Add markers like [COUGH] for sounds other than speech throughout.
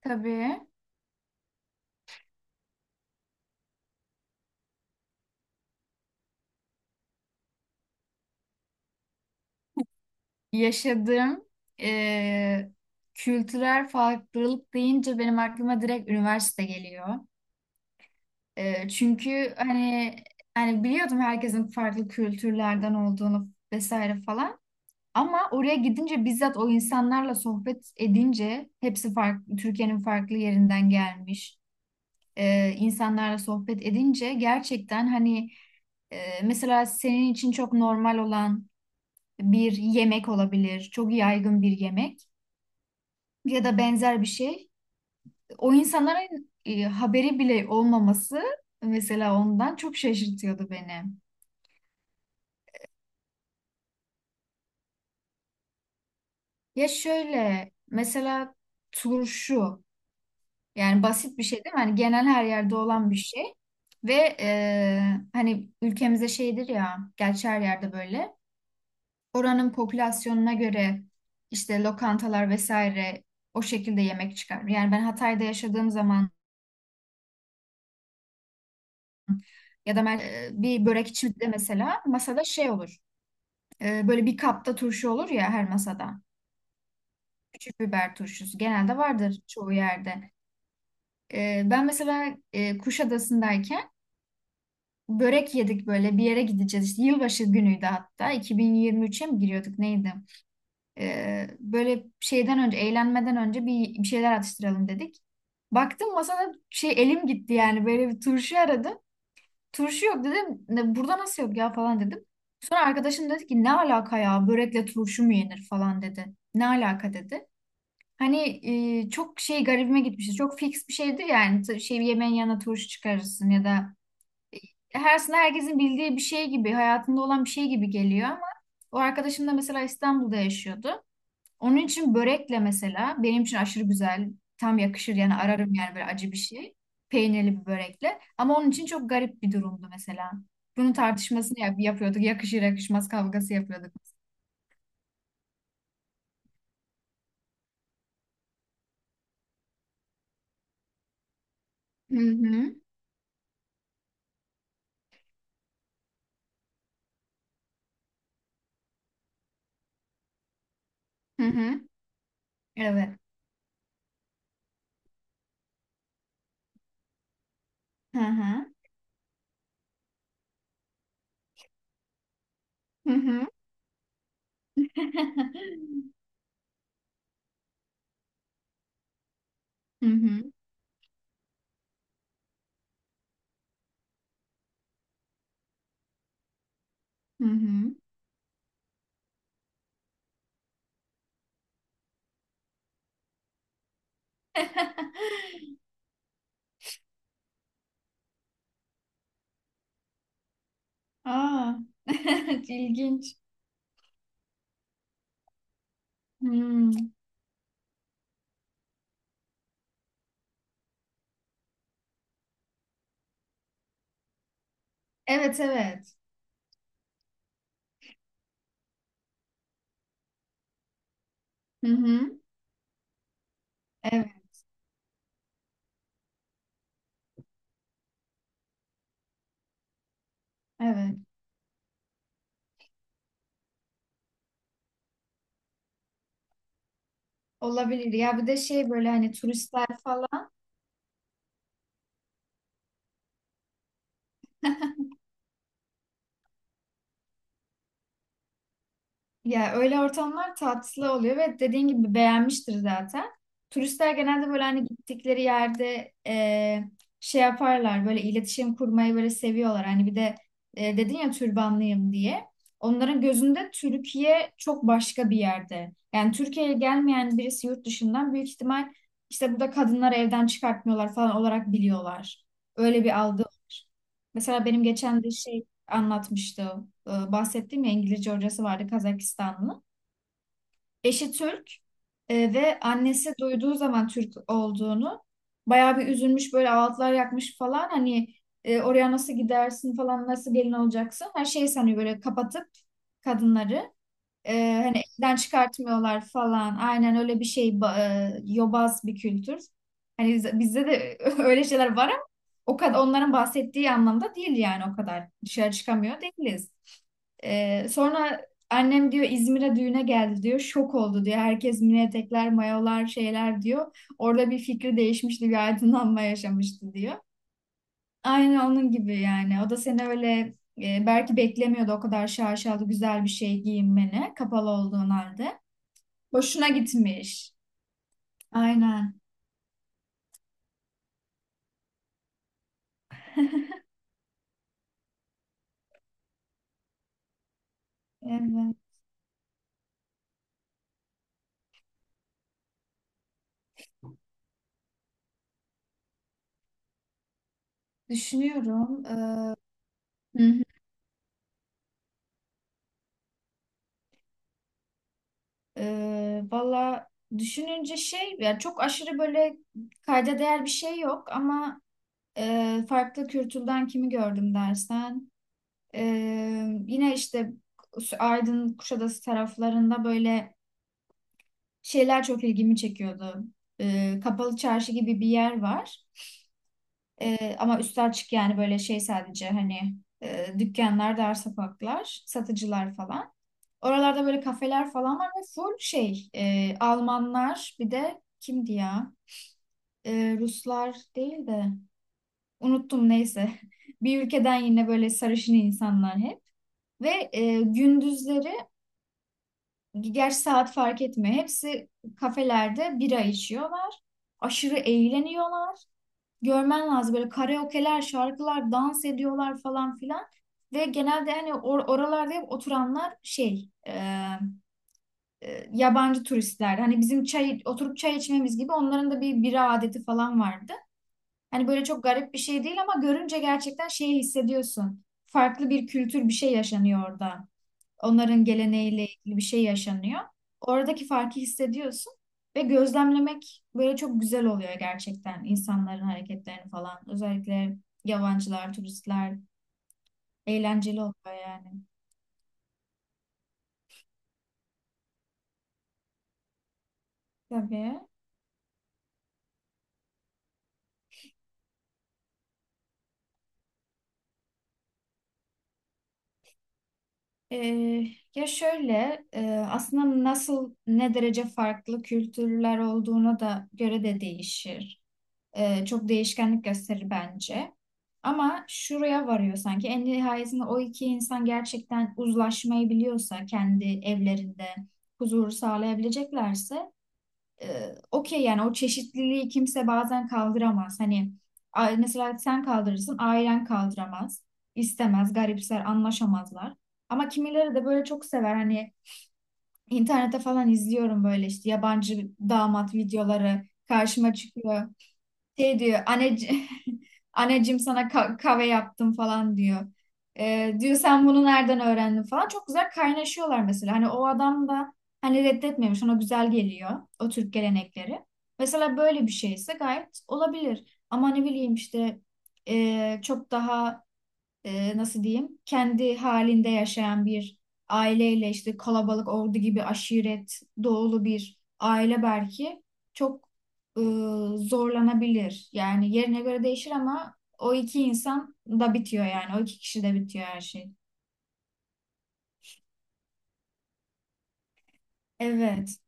Tabii, yaşadığım eee, kültürel farklılık deyince benim aklıma direkt üniversite geliyor. Çünkü hani biliyordum herkesin farklı kültürlerden olduğunu vesaire falan. Ama oraya gidince bizzat o insanlarla sohbet edince hepsi farklı, Türkiye'nin farklı yerinden gelmiş insanlarla sohbet edince gerçekten hani mesela senin için çok normal olan bir yemek olabilir, çok yaygın bir yemek ya da benzer bir şey. O insanların haberi bile olmaması, mesela ondan çok şaşırtıyordu beni. Ya şöyle mesela turşu, yani basit bir şey değil mi? Hani genel her yerde olan bir şey ve hani ülkemizde şeydir ya, gerçi her yerde böyle oranın popülasyonuna göre işte lokantalar vesaire o şekilde yemek çıkar. Yani ben Hatay'da yaşadığım zaman Ya da mer- bir börekçi de mesela masada şey olur. Böyle bir kapta turşu olur ya her masada. Küçük biber turşusu genelde vardır çoğu yerde. Ben mesela Kuşadası'ndayken börek yedik, böyle bir yere gideceğiz. İşte yılbaşı günüydü, hatta 2023'e mi giriyorduk neydi? Böyle şeyden önce, eğlenmeden önce bir şeyler atıştıralım dedik. Baktım masada şey, elim gitti yani, böyle bir turşu aradım. Turşu yok dedim. Ne, burada nasıl yok ya falan dedim. Sonra arkadaşım dedi ki ne alaka ya, börekle turşu mu yenir falan dedi. Ne alaka dedi. Hani çok şey, garibime gitmişti. Çok fix bir şeydi yani. Şey, yemeğin yanına turşu çıkarırsın ya da her, aslında herkesin bildiği bir şey gibi, hayatında olan bir şey gibi geliyor ama o arkadaşım da mesela İstanbul'da yaşıyordu. Onun için börekle, mesela benim için aşırı güzel, tam yakışır yani, ararım yani, böyle acı bir şey. Peynirli bir börekle. Ama onun için çok garip bir durumdu mesela. Bunun tartışmasını yapıyorduk. Yakışır yakışmaz kavgası yapıyorduk. Hı hı. Hı hı. Evet. Hı hı. Hı hı. [LAUGHS] Hı hı. Hı hı. [LAUGHS] Aa. [LAUGHS] İlginç. Hmm. Evet, evet. Hı hı. Evet, evet. Olabilir. Ya bir de şey, böyle hani turistler falan. Ya öyle ortamlar tatlı oluyor ve dediğin gibi beğenmiştir zaten. Turistler genelde böyle hani gittikleri yerde şey yaparlar, böyle iletişim kurmayı böyle seviyorlar. Hani bir de dedin ya türbanlıyım diye. Onların gözünde Türkiye çok başka bir yerde. Yani Türkiye'ye gelmeyen birisi yurt dışından büyük ihtimal işte burada kadınları evden çıkartmıyorlar falan olarak biliyorlar. Öyle bir algı var. Mesela benim geçen de şey anlatmıştı. Bahsettiğim ya İngilizce hocası vardı, Kazakistanlı. Eşi Türk ve annesi duyduğu zaman Türk olduğunu bayağı bir üzülmüş, böyle ağıtlar yakmış falan, hani oraya nasıl gidersin falan, nasıl gelin olacaksın, her şeyi sanıyor böyle kapatıp kadınları. Hani elden çıkartmıyorlar falan. Aynen öyle bir şey. Yobaz bir kültür. Hani bizde de [LAUGHS] öyle şeyler var ama o kadar onların bahsettiği anlamda değil, yani o kadar dışarı çıkamıyor değiliz. Sonra annem diyor İzmir'e düğüne geldi diyor. Şok oldu diyor. Herkes mini etekler, mayolar, şeyler diyor. Orada bir fikri değişmişti, bir aydınlanma yaşamıştı diyor. Aynen onun gibi yani. O da seni öyle belki beklemiyordu, o kadar şaşalı güzel bir şey giyinmeni kapalı olduğun halde. Boşuna gitmiş. Aynen. Evet. Düşünüyorum. Ee. Hı hı. Valla düşününce şey, yani çok aşırı böyle kayda değer bir şey yok ama farklı kültürden kimi gördüm dersen, e, yine işte Aydın Kuşadası taraflarında böyle şeyler çok ilgimi çekiyordu. Kapalı çarşı gibi bir yer var. Ama üstü açık yani, böyle şey sadece hani dükkanlar, dar sokaklar, satıcılar falan. Oralarda böyle kafeler falan var ve full şey, Almanlar bir de kimdi ya? Ruslar değil de, unuttum neyse. [LAUGHS] Bir ülkeden yine böyle sarışın insanlar hep. Ve gündüzleri, gerçi saat fark etmiyor, hepsi kafelerde bira içiyorlar. Aşırı eğleniyorlar. Görmen lazım böyle karaoke'ler, şarkılar, dans ediyorlar falan filan. Ve genelde hani oralarda hep oturanlar şey, yabancı turistler. Hani bizim çay oturup çay içmemiz gibi onların da bir bira adeti falan vardı. Hani böyle çok garip bir şey değil ama görünce gerçekten şeyi hissediyorsun. Farklı bir kültür, bir şey yaşanıyor orada. Onların geleneğiyle ilgili bir şey yaşanıyor. Oradaki farkı hissediyorsun ve gözlemlemek böyle çok güzel oluyor gerçekten, insanların hareketlerini falan. Özellikle yabancılar, turistler, eğlenceli oluyor yani. Tabii. Ee, Ya şöyle, aslında nasıl, ne derece farklı kültürler olduğuna da göre de değişir. Çok değişkenlik gösterir bence. Ama şuraya varıyor sanki. En nihayetinde o iki insan gerçekten uzlaşmayı biliyorsa kendi evlerinde huzuru sağlayabileceklerse e, okey yani, o çeşitliliği kimse bazen kaldıramaz. Hani mesela sen kaldırırsın, ailen kaldıramaz, istemez, garipser, anlaşamazlar. Ama kimileri de böyle çok sever, hani internette falan izliyorum, böyle işte yabancı damat videoları karşıma çıkıyor. Şey diyor, anneciğim, [LAUGHS] anneciğim sana kahve yaptım falan diyor. Diyor sen bunu nereden öğrendin falan. Çok güzel kaynaşıyorlar mesela. Hani o adam da hani reddetmemiş, ona güzel geliyor o Türk gelenekleri. Mesela böyle bir şeyse gayet olabilir. Ama ne bileyim işte çok daha nasıl diyeyim, kendi halinde yaşayan bir aileyle işte kalabalık, ordu gibi aşiret doğulu bir aile belki çok e, zorlanabilir. Yani yerine göre değişir ama o iki insan da bitiyor yani, o iki kişi de bitiyor her şey. Evet.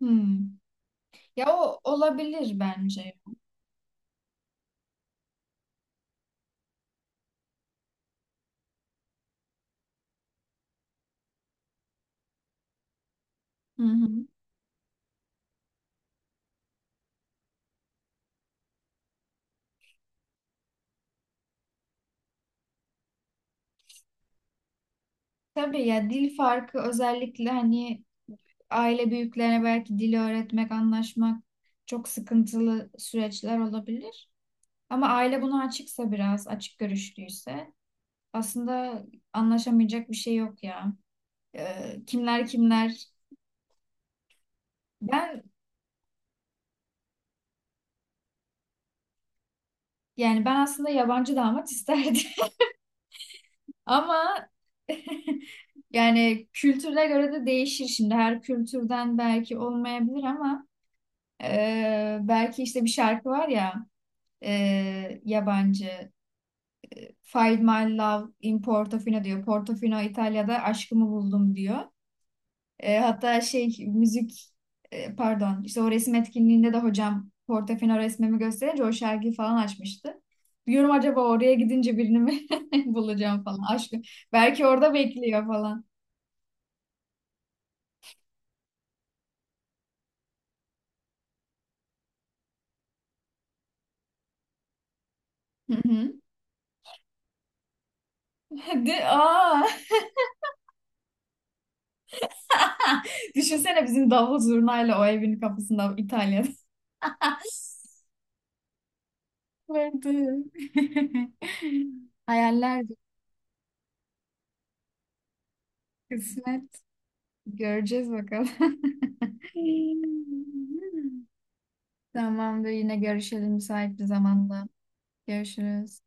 Hmm. Ya o olabilir bence. Hı hı. Tabii ya, dil farkı özellikle hani aile büyüklerine belki dili öğretmek, anlaşmak çok sıkıntılı süreçler olabilir. Ama aile buna açıksa biraz, açık görüşlüyse aslında anlaşamayacak bir şey yok ya. Kimler kimler. Ben Yani ben aslında yabancı damat isterdim. [LAUGHS] Ama [LAUGHS] yani kültüre göre de değişir şimdi. Her kültürden belki olmayabilir ama belki işte bir şarkı var ya, yabancı. Find my love in Portofino diyor. Portofino İtalya'da aşkımı buldum diyor. Hatta şey müzik, pardon işte o resim etkinliğinde de hocam Portofino resmimi gösterince o şarkıyı falan açmıştı. Diyorum acaba oraya gidince birini mi [LAUGHS] bulacağım falan, aşkım. Belki orada bekliyor falan. Hı hı. [LAUGHS] De, aa, [LAUGHS] düşünsene bizim davul zurnayla o evin kapısında İtalya'da. [LAUGHS] Vardı. [LAUGHS] Hayaller bir kısmet. Göreceğiz bakalım. [LAUGHS] Tamamdır, yine görüşelim müsait bir zamanda. Görüşürüz.